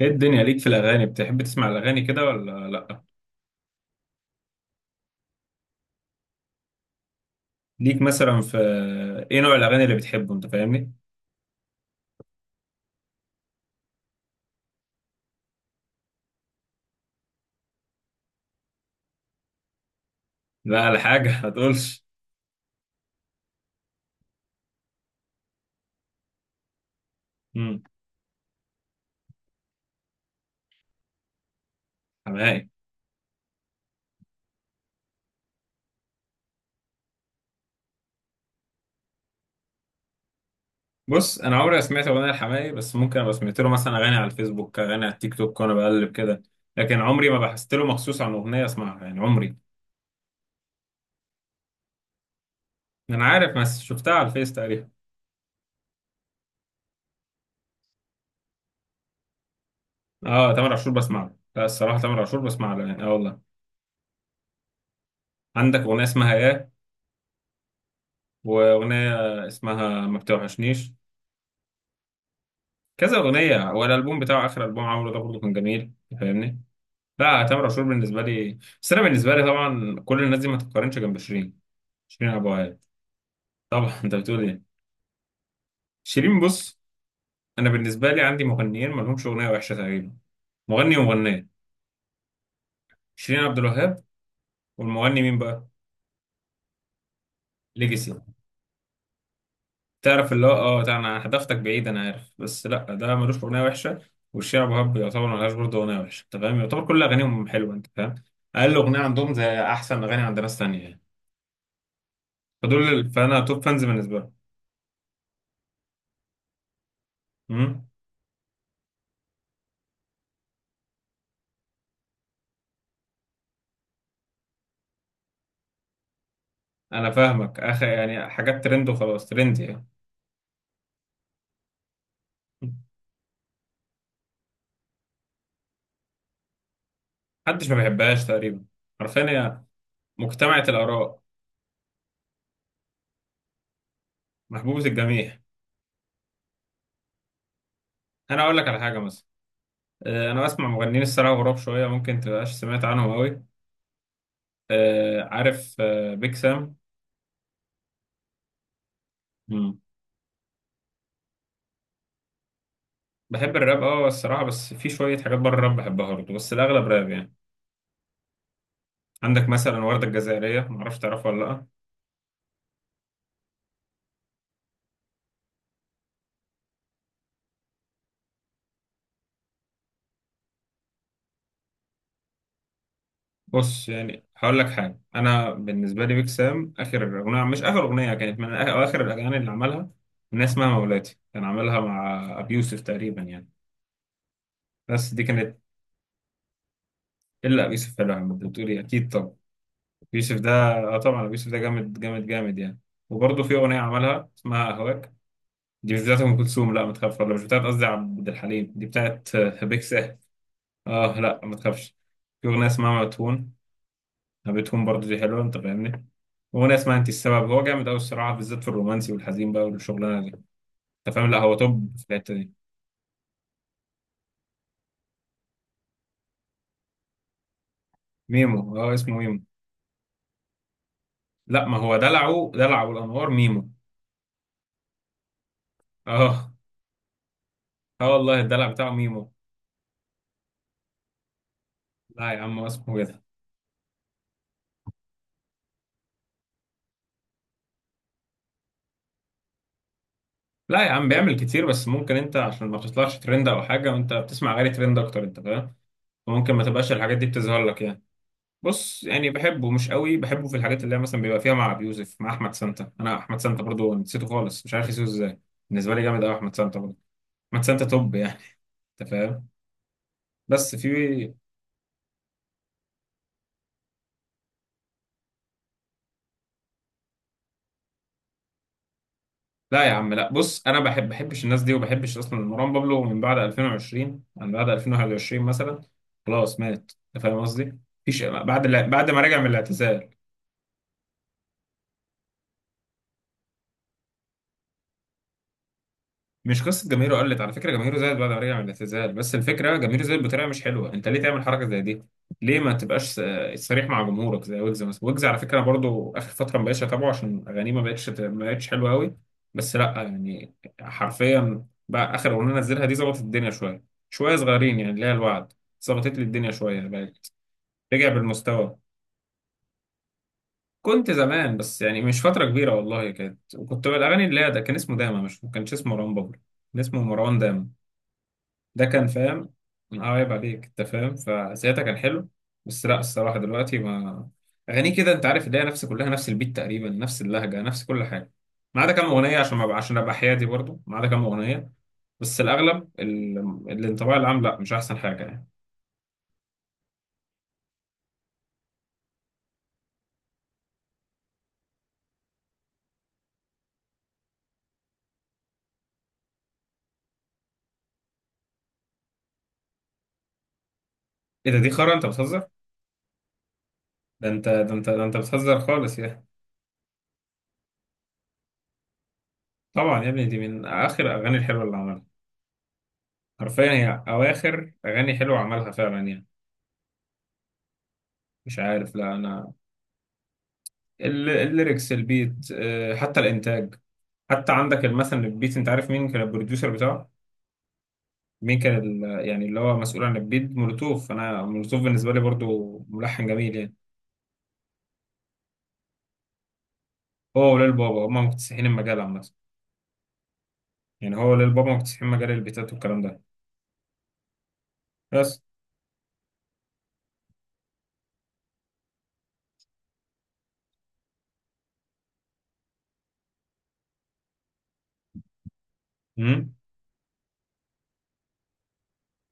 ايه الدنيا ليك في الاغاني؟ بتحب تسمع الاغاني كده ولا لا؟ ليك مثلا في ايه نوع الاغاني اللي بتحبه؟ انت فاهمني. لا لا، حاجه ما تقولش. امم حماقي. بص، انا عمري ما سمعت اغنيه لحماقي، بس ممكن ابقى سمعت له مثلا اغاني على الفيسبوك، اغاني على التيك توك وانا بقلب كده، لكن عمري ما بحثت له مخصوص عن اغنيه اسمعها يعني عمري. انا عارف بس شفتها على الفيس تقريبا. اه، تامر عاشور بسمع له، لا الصراحه تامر عاشور بسمع له يعني، اه والله. عندك اغنيه اسمها ياه، واغنيه اسمها ما بتوحشنيش، كذا اغنيه، والالبوم بتاعه اخر البوم عمله ده برضه كان جميل. فاهمني؟ لا تامر عاشور بالنسبه لي، بس انا بالنسبه لي طبعا كل الناس دي ما تتقارنش جنب شيرين. شيرين ابو عال. طبعا انت بتقول ايه؟ شيرين، بص، انا بالنسبه لي عندي مغنيين ما لهمش اغنيه وحشه تقريبا، مغني ومغنيه. شيرين عبد الوهاب، والمغني مين بقى؟ ليجاسي. تعرف اللي هو اه، ده انا هدفتك بعيد، انا عارف، بس لا ده ملوش اغنيه وحشه. والشيرين ابو وهاب يعتبر ملهاش برضه اغنيه وحشه، انت فاهم، يعتبر كل اغانيهم حلوه انت فاهم. اقل اغنيه عندهم زي احسن اغاني عند ناس تانية يعني. فانا توب فانز بالنسبه لهم. مم. انا فاهمك، اخ يعني حاجات ترند وخلاص، ترند يعني. محدش ما بيحبهاش تقريبا، حرفيا هي مجتمعة الآراء، محبوبة الجميع. أنا أقول لك على حاجة مثلا. أنا بسمع مغنيين الصراحة غراب شوية، ممكن تبقاش سمعت عنهم أوي. عارف بيك سام. مم. بحب الراب، أه الصراحة، بس في شوية حاجات بره الراب بحبها برضه، بس الأغلب راب يعني. عندك مثلا وردة الجزائرية، معرفش تعرفها ولا لأ. بص يعني هقول لك حاجه، انا بالنسبه لي بيك سام اخر اغنيه، مش اخر اغنيه، كانت من أو اخر الاغاني اللي عملها، اغنيه اسمها مولاتي كان عملها مع ابي يوسف تقريبا يعني. بس دي كانت، الا ابي يوسف حلوه يعني، انت بتقولي اكيد، طب ابي يوسف ده، اه طبعا ابي يوسف ده جامد جامد جامد يعني. وبرضه في اغنيه عملها اسمها اهواك، دي مش بتاعت ام كلثوم، لا ما تخافش، ولا مش بتاعت، قصدي عبد الحليم، دي بتاعت بيك سام. اه لا ما تخافش. في اغنيه اسمها مدفون، هابتهم برضه دي حلوه انت فاهمني. وانا اسمها انت السبب، هو جامد قوي الصراحه بالذات في الرومانسي والحزين بقى والشغلانه دي. انت فاهم، لا هو توب في الحته دي. ميمو، اه اسمه ميمو. لا ما هو دلعه، دلعه الانوار ميمو. اه، اه والله، الدلع بتاعه ميمو. لا يا عم، هو اسمه كده. لا يا عم بيعمل كتير، بس ممكن انت عشان ما تطلعش ترند او حاجه، وانت بتسمع غير ترند اكتر، انت فاهم، فممكن ما تبقاش الحاجات دي بتظهر لك يعني. بص يعني، بحبه مش قوي، بحبه في الحاجات اللي هي مثلا بيبقى فيها مع ابي يوسف، مع احمد سانتا. انا احمد سانتا برضو نسيته خالص، مش عارف نسيته ازاي. بالنسبه لي جامد قوي احمد سانتا برضو، احمد سانتا توب يعني. انت فاهم. بس في، لا يا عم لا، بص انا بحبش الناس دي، وبحبش اصلا مروان بابلو من بعد 2020، من بعد 2021 مثلا. خلاص مات، انت فاهم قصدي، مفيش بعد ما رجع من الاعتزال. مش قصة جماهيره قلت، على فكرة جماهيره زادت بعد ما رجع من الاعتزال، بس الفكرة جماهيره زادت بطريقة مش حلوة. انت ليه تعمل حركة زي دي؟ ليه ما تبقاش صريح مع جمهورك زي ويجز مثلا. ويجز على فكرة برضو آخر فترة ما بقتش أتابعه عشان أغانيه ما بقتش حلوة قوي. بس لا يعني، حرفيا بقى آخر أغنية نزلها دي ظبطت الدنيا شوية، شوية صغيرين يعني، اللي هي الوعد، ظبطت لي الدنيا شوية يعني، بقت رجع بالمستوى. كنت زمان بس يعني مش فترة كبيرة والله كانت، وكنت الأغاني اللي هي، ده كان اسمه داما، مش ما كانش اسمه مروان بابلو، كان اسمه مروان داما، ده كان فاهم، من عيب عليك انت فاهم، فساعتها كان حلو. بس لا الصراحه دلوقتي، ما اغانيه كده انت عارف اللي هي نفس، كلها نفس البيت تقريبا، نفس اللهجه، نفس كل حاجه، ما عدا كام اغنيه عشان ما أبقى- عشان ابقى حيادي برضو، ما عدا كام اغنيه. بس الاغلب ال- الانطباع العام لا مش احسن حاجه يعني. ايه ده؟ دي خرا، انت بتهزر، ده انت بتهزر خالص يعني. طبعا يا ابني، دي من اخر اغاني الحلوه اللي عملها، حرفيا هي اواخر اغاني حلوه عملها فعلا يعني. مش عارف، لا انا الليركس، البيت، حتى الانتاج. حتى عندك مثلا البيت، انت عارف مين كان البروديوسر بتاعه؟ مين كان يعني اللي هو مسؤول عن البيت؟ مولوتوف. انا مولوتوف بالنسبه لي برضو ملحن جميل يعني. هو وليل بابا هما مكتسحين المجال عامه. يعني هو وليل بابا مكتسحين مجال البيتات والكلام ده. بس، امم،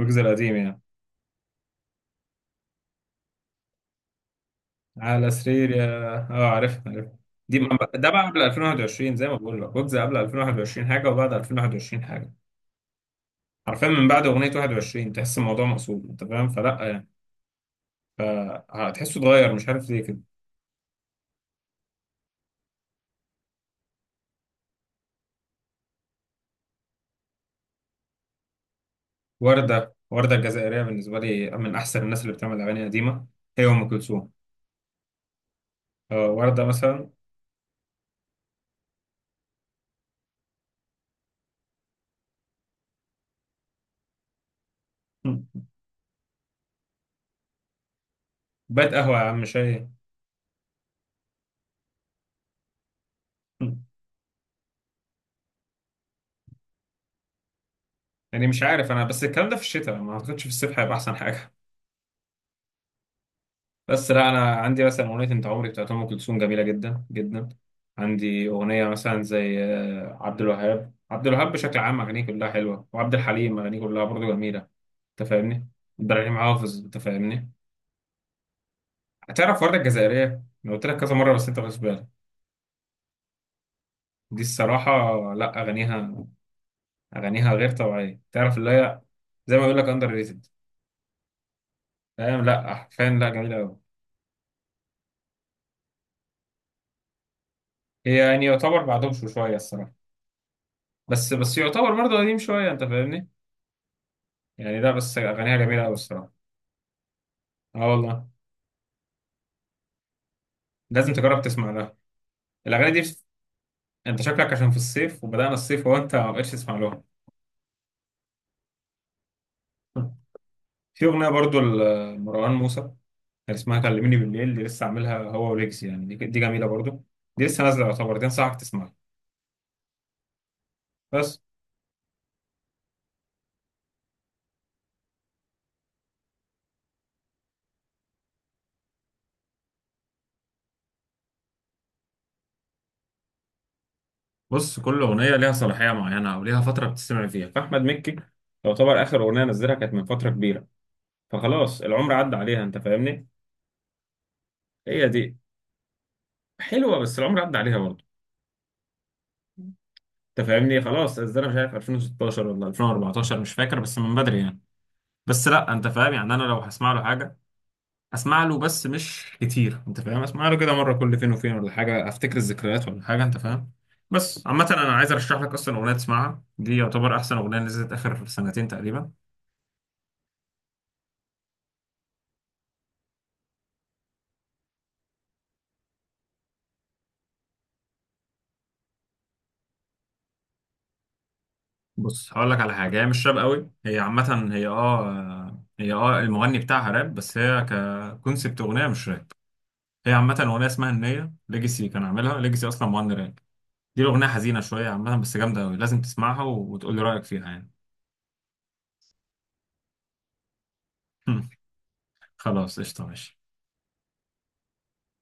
الجزء القديم يعني، على سرير يا، اه عرفت عرفت. دي من- ده بقى قبل 2021، زي ما بقول لك وجز، قبل 2021 حاجه، وبعد 2021 حاجه. حرفيا من بعد اغنيه 21 تحس الموضوع مقصود، انت فاهم، فلا يعني، فهتحسه اتغير مش عارف ليه كده. وردة الجزائرية بالنسبة لي من أحسن الناس اللي بتعمل أغاني قديمة. هي أم كلثوم، وردة مثلا. مم. بيت قهوة يا عم، شاي. مم. يعني مش عارف، أنا بس الكلام ده في الشتاء، ما أعتقدش في الصيف هيبقى أحسن حاجة. بس لا، أنا عندي مثلا أغنية أنت عمري بتاعت أم كلثوم، جميلة جدا جدا. عندي أغنية مثلا زي عبد الوهاب. عبد الوهاب بشكل عام أغانيه كلها حلوة، وعبد الحليم أغانيه كلها برضه جميلة. أنت فاهمني؟ عبد الحليم حافظ، أنت فاهمني؟ هتعرف وردة الجزائرية؟ أنا قلت لك كذا مرة بس أنت مش بالك. دي الصراحة، لا أغانيها، أغانيها غير طبيعية، تعرف اللي هي زي ما بيقول لك أندر ريتد. فاهم، لا حرفيا لا جميلة أوي. هي يعني يعتبر بعدهم شوية الصراحة. بس يعتبر برضه قديم شوية أنت فاهمني. يعني لا بس أغانيها جميلة أوي الصراحة. أه والله، لازم تجرب تسمع لها. الأغاني دي في- أنت شكلك عشان في الصيف، وبدأنا الصيف، وهو أنت ما بقتش تسمع لها. في أغنية برضه لمروان موسى كان اسمها كلميني بالليل، دي لسه عاملها هو وليجز يعني، دي جميلة برضه، دي لسه نازلة يعتبر، دي أنصحك تسمعها. بس، بص كل اغنيه ليها صلاحيه معينه، او ليها فتره بتستمع فيها. فاحمد مكي يعتبر اخر اغنيه نزلها كانت من فتره كبيره، فخلاص العمر عدى عليها انت فاهمني. هي دي حلوه، بس العمر عدى عليها برضه. انت فاهمني، خلاص انا مش عارف 2016 ولا 2014، مش فاكر، بس من بدري يعني. بس لا انت فاهم يعني، انا لو هسمع له حاجه اسمع له، بس مش كتير انت فاهم، اسمع له كده مره كل فين وفين ولا حاجه، افتكر الذكريات ولا حاجه انت فاهم. بس عامه انا عايز ارشح لك اصلا اغنيه تسمعها، دي يعتبر احسن اغنيه نزلت اخر سنتين تقريبا. بص هقول لك على حاجه، هي مش راب قوي، هي عامه، هي المغني بتاعها راب، بس هي ككونسبت اغنيه مش راب. هي عامه اغنيه اسمها النيه ليجاسي، كان عاملها ليجاسي اصلا مغني راب. دي الاغنيه حزينه شويه عامه، بس جامده قوي، لازم تسمعها وتقول لي رايك فيها يعني. خلاص قشطه، ماشي.